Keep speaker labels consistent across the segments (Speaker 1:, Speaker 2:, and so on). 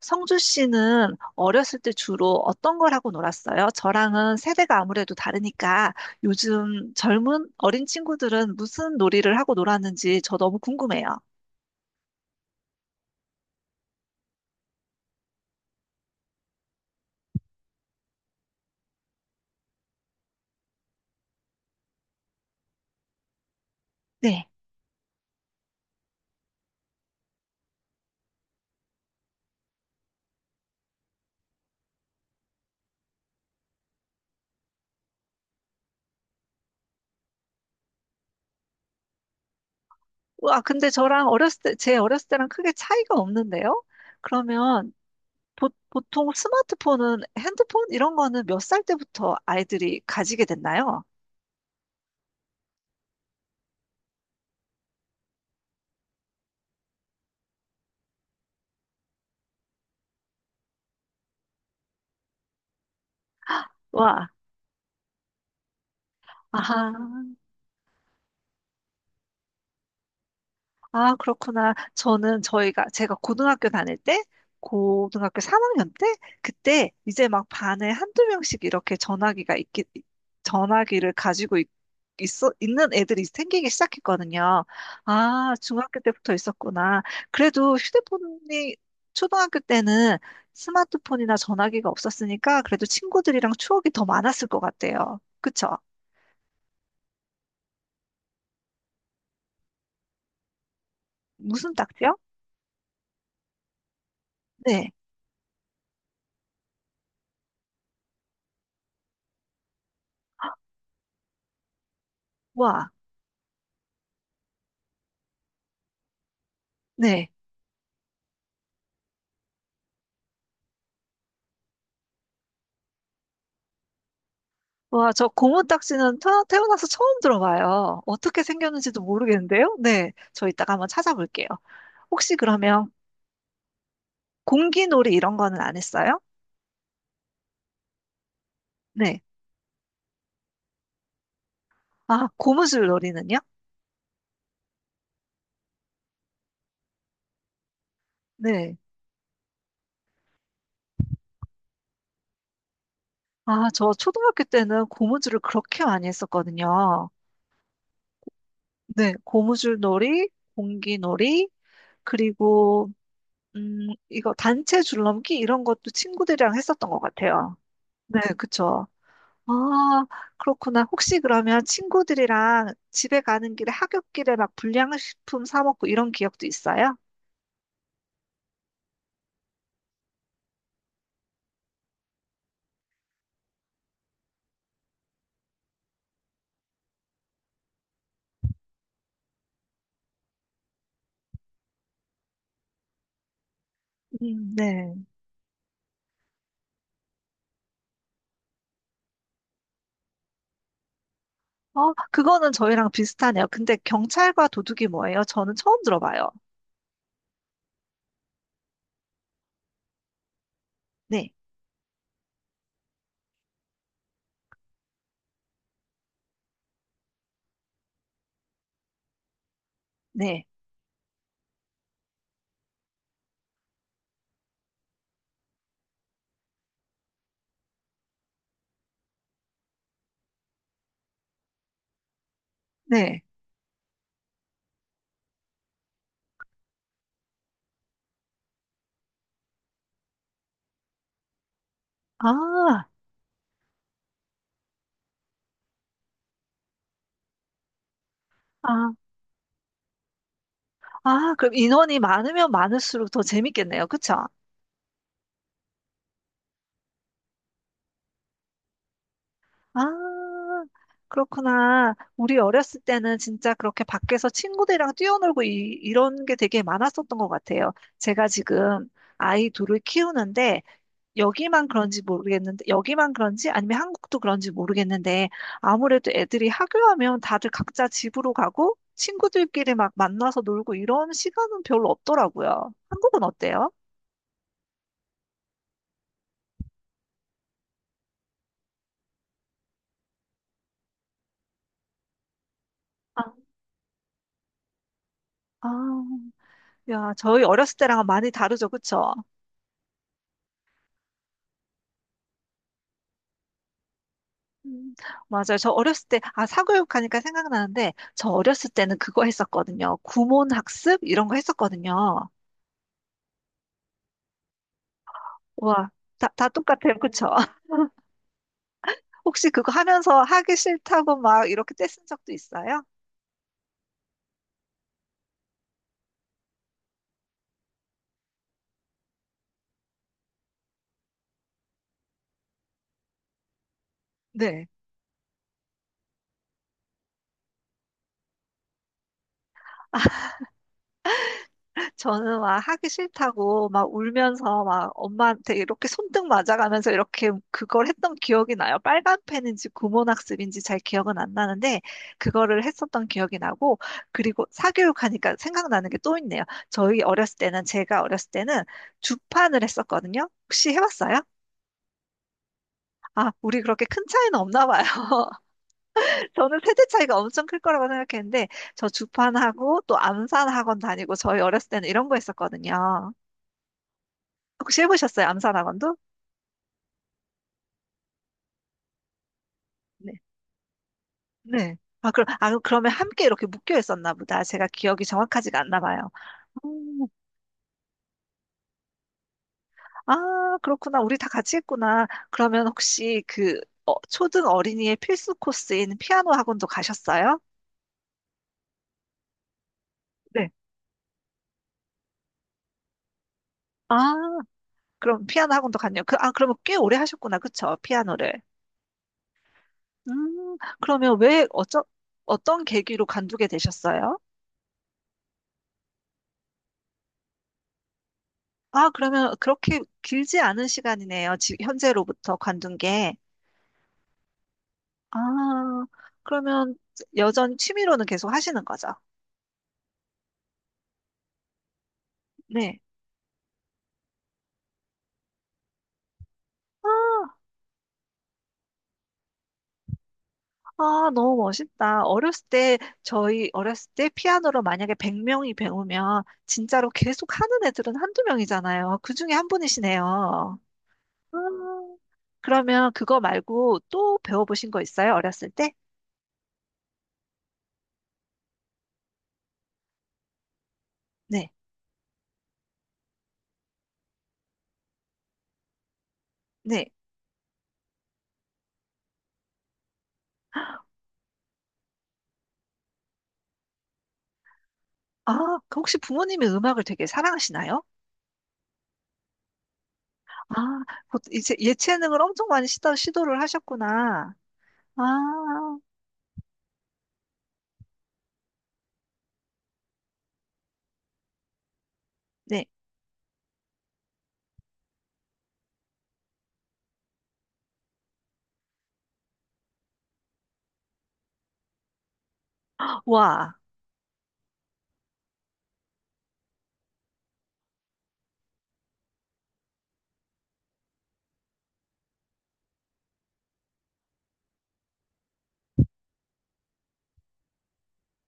Speaker 1: 성주 씨는 어렸을 때 주로 어떤 걸 하고 놀았어요? 저랑은 세대가 아무래도 다르니까 요즘 젊은 어린 친구들은 무슨 놀이를 하고 놀았는지 저 너무 궁금해요. 네. 와, 근데 저랑 어렸을 때, 제 어렸을 때랑 크게 차이가 없는데요? 그러면 보통 스마트폰은 핸드폰 이런 거는 몇 살 때부터 아이들이 가지게 됐나요? 와, 아하. 아, 그렇구나. 제가 고등학교 다닐 때, 고등학교 3학년 때, 그때 이제 막 반에 한두 명씩 이렇게 전화기를 가지고 있, 있어, 있는 애들이 생기기 시작했거든요. 아, 중학교 때부터 있었구나. 그래도 휴대폰이 초등학교 때는 스마트폰이나 전화기가 없었으니까 그래도 친구들이랑 추억이 더 많았을 것 같아요. 그쵸? 무슨 딱지요? 네. 와, 네. 와, 저 고무딱지는 태어나서 처음 들어봐요. 어떻게 생겼는지도 모르겠는데요? 네, 저 이따가 한번 찾아볼게요. 혹시 그러면 공기놀이 이런 거는 안 했어요? 네. 아, 고무줄놀이는요? 네. 아, 저 초등학교 때는 고무줄을 그렇게 많이 했었거든요. 네, 고무줄놀이, 공기놀이, 그리고 이거 단체 줄넘기 이런 것도 친구들이랑 했었던 것 같아요. 네, 그쵸. 아, 그렇구나. 혹시 그러면 친구들이랑 집에 가는 길에 하굣길에 막 불량식품 사 먹고 이런 기억도 있어요? 네. 어, 그거는 저희랑 비슷하네요. 근데 경찰과 도둑이 뭐예요? 저는 처음 들어봐요. 네, 네, 네. 아, 아, 아, 그럼 인원이 많으면 많을수록 더 재밌겠네요. 그쵸? 아, 그렇구나. 우리 어렸을 때는 진짜 그렇게 밖에서 친구들이랑 뛰어놀고 이런 게 되게 많았었던 것 같아요. 제가 지금 아이 둘을 키우는데 여기만 그런지 아니면 한국도 그런지 모르겠는데, 아무래도 애들이 하교하면 다들 각자 집으로 가고 친구들끼리 막 만나서 놀고 이런 시간은 별로 없더라고요. 한국은 어때요? 아, 아, 야, 저희 어렸을 때랑은 많이 다르죠, 그쵸? 음, 맞아요. 저 어렸을 때, 아, 사교육하니까 생각나는데, 저 어렸을 때는 그거 했었거든요. 구몬학습? 이런 거 했었거든요. 와, 다 똑같아요. 그쵸? 혹시 그거 하면서 하기 싫다고 막 이렇게 떼쓴 적도 있어요? 네. 저는 막 하기 싫다고 막 울면서 막 엄마한테 이렇게 손등 맞아가면서 이렇게 그걸 했던 기억이 나요. 빨간 펜인지 구몬학습인지 잘 기억은 안 나는데 그거를 했었던 기억이 나고 그리고 사교육하니까 생각나는 게 또 있네요. 저희 어렸을 때는 제가 어렸을 때는 주판을 했었거든요. 혹시 해봤어요? 아, 우리 그렇게 큰 차이는 없나 봐요. 저는 세대 차이가 엄청 클 거라고 생각했는데 저 주판하고 또 암산학원 다니고 저희 어렸을 때는 이런 거 했었거든요. 혹시 해보셨어요? 암산학원도? 네. 네. 아, 그러면 함께 이렇게 묶여 있었나 보다. 제가 기억이 정확하지가 않나 봐요. 음, 아, 그렇구나. 우리 다 같이 했구나. 그러면 혹시 그 어, 초등 어린이의 필수 코스인 피아노 학원도 가셨어요? 네. 아, 그럼 피아노 학원도 갔네요. 아, 그러면 꽤 오래 하셨구나. 그쵸? 피아노를. 그러면 어떤 계기로 관두게 되셨어요? 아, 그러면 그렇게 길지 않은 시간이네요. 현재로부터 관둔 게. 아, 그러면 여전히 취미로는 계속 하시는 거죠? 네. 아, 아, 너무 멋있다. 어렸을 때, 저희 어렸을 때 피아노로 만약에 100명이 배우면 진짜로 계속 하는 애들은 한두 명이잖아요. 그 중에 한 분이시네요. 아, 그러면 그거 말고 또 배워보신 거 있어요? 어렸을 때? 네. 네. 아, 그 혹시 부모님이 음악을 되게 사랑하시나요? 아, 곧 이제 예체능을 엄청 많이 시도를 하셨구나. 아, 네. 와,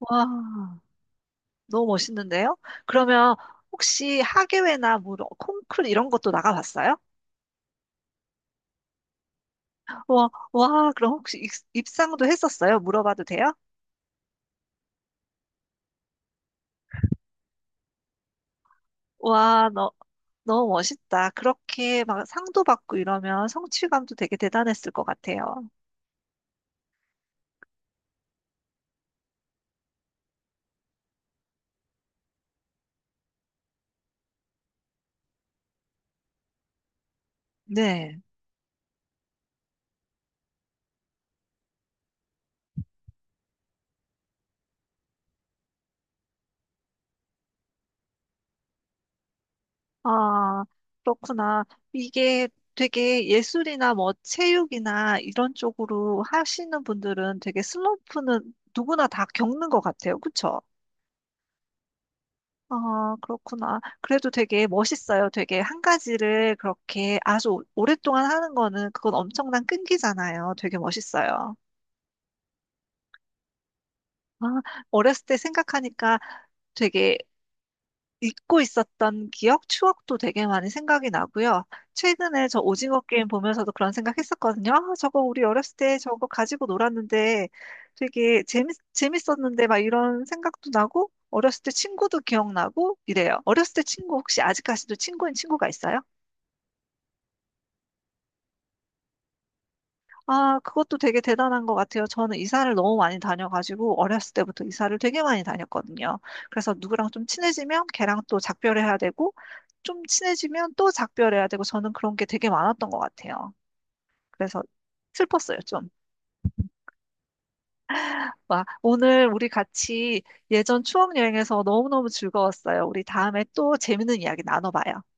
Speaker 1: 와, 너무 멋있는데요? 그러면 혹시 하계회나 뭐 이런 콩쿨 이런 것도 나가봤어요? 와, 와, 그럼 혹시 입상도 했었어요? 물어봐도 돼요? 와, 너, 너무 멋있다. 그렇게 막 상도 받고 이러면 성취감도 되게 대단했을 것 같아요. 네. 아, 그렇구나. 이게 되게 예술이나 뭐 체육이나 이런 쪽으로 하시는 분들은 되게 슬럼프는 누구나 다 겪는 것 같아요. 그쵸? 아, 그렇구나. 그래도 되게 멋있어요. 되게 한 가지를 그렇게 아주 오랫동안 하는 거는 그건 엄청난 끈기잖아요. 되게 멋있어요. 아, 어렸을 때 생각하니까 되게 잊고 있었던 기억, 추억도 되게 많이 생각이 나고요. 최근에 저 오징어 게임 보면서도 그런 생각했었거든요. 아, 저거 우리 어렸을 때 저거 가지고 놀았는데 되게 재밌었는데 막 이런 생각도 나고 어렸을 때 친구도 기억나고 이래요. 어렸을 때 친구 혹시 아직까지도 친구인 친구가 있어요? 아, 그것도 되게 대단한 것 같아요. 저는 이사를 너무 많이 다녀가지고 어렸을 때부터 이사를 되게 많이 다녔거든요. 그래서 누구랑 좀 친해지면 걔랑 또 작별해야 되고 좀 친해지면 또 작별해야 되고 저는 그런 게 되게 많았던 것 같아요. 그래서 슬펐어요, 좀. 와, 오늘 우리 같이 예전 추억 여행에서 너무너무 즐거웠어요. 우리 다음에 또 재밌는 이야기 나눠봐요.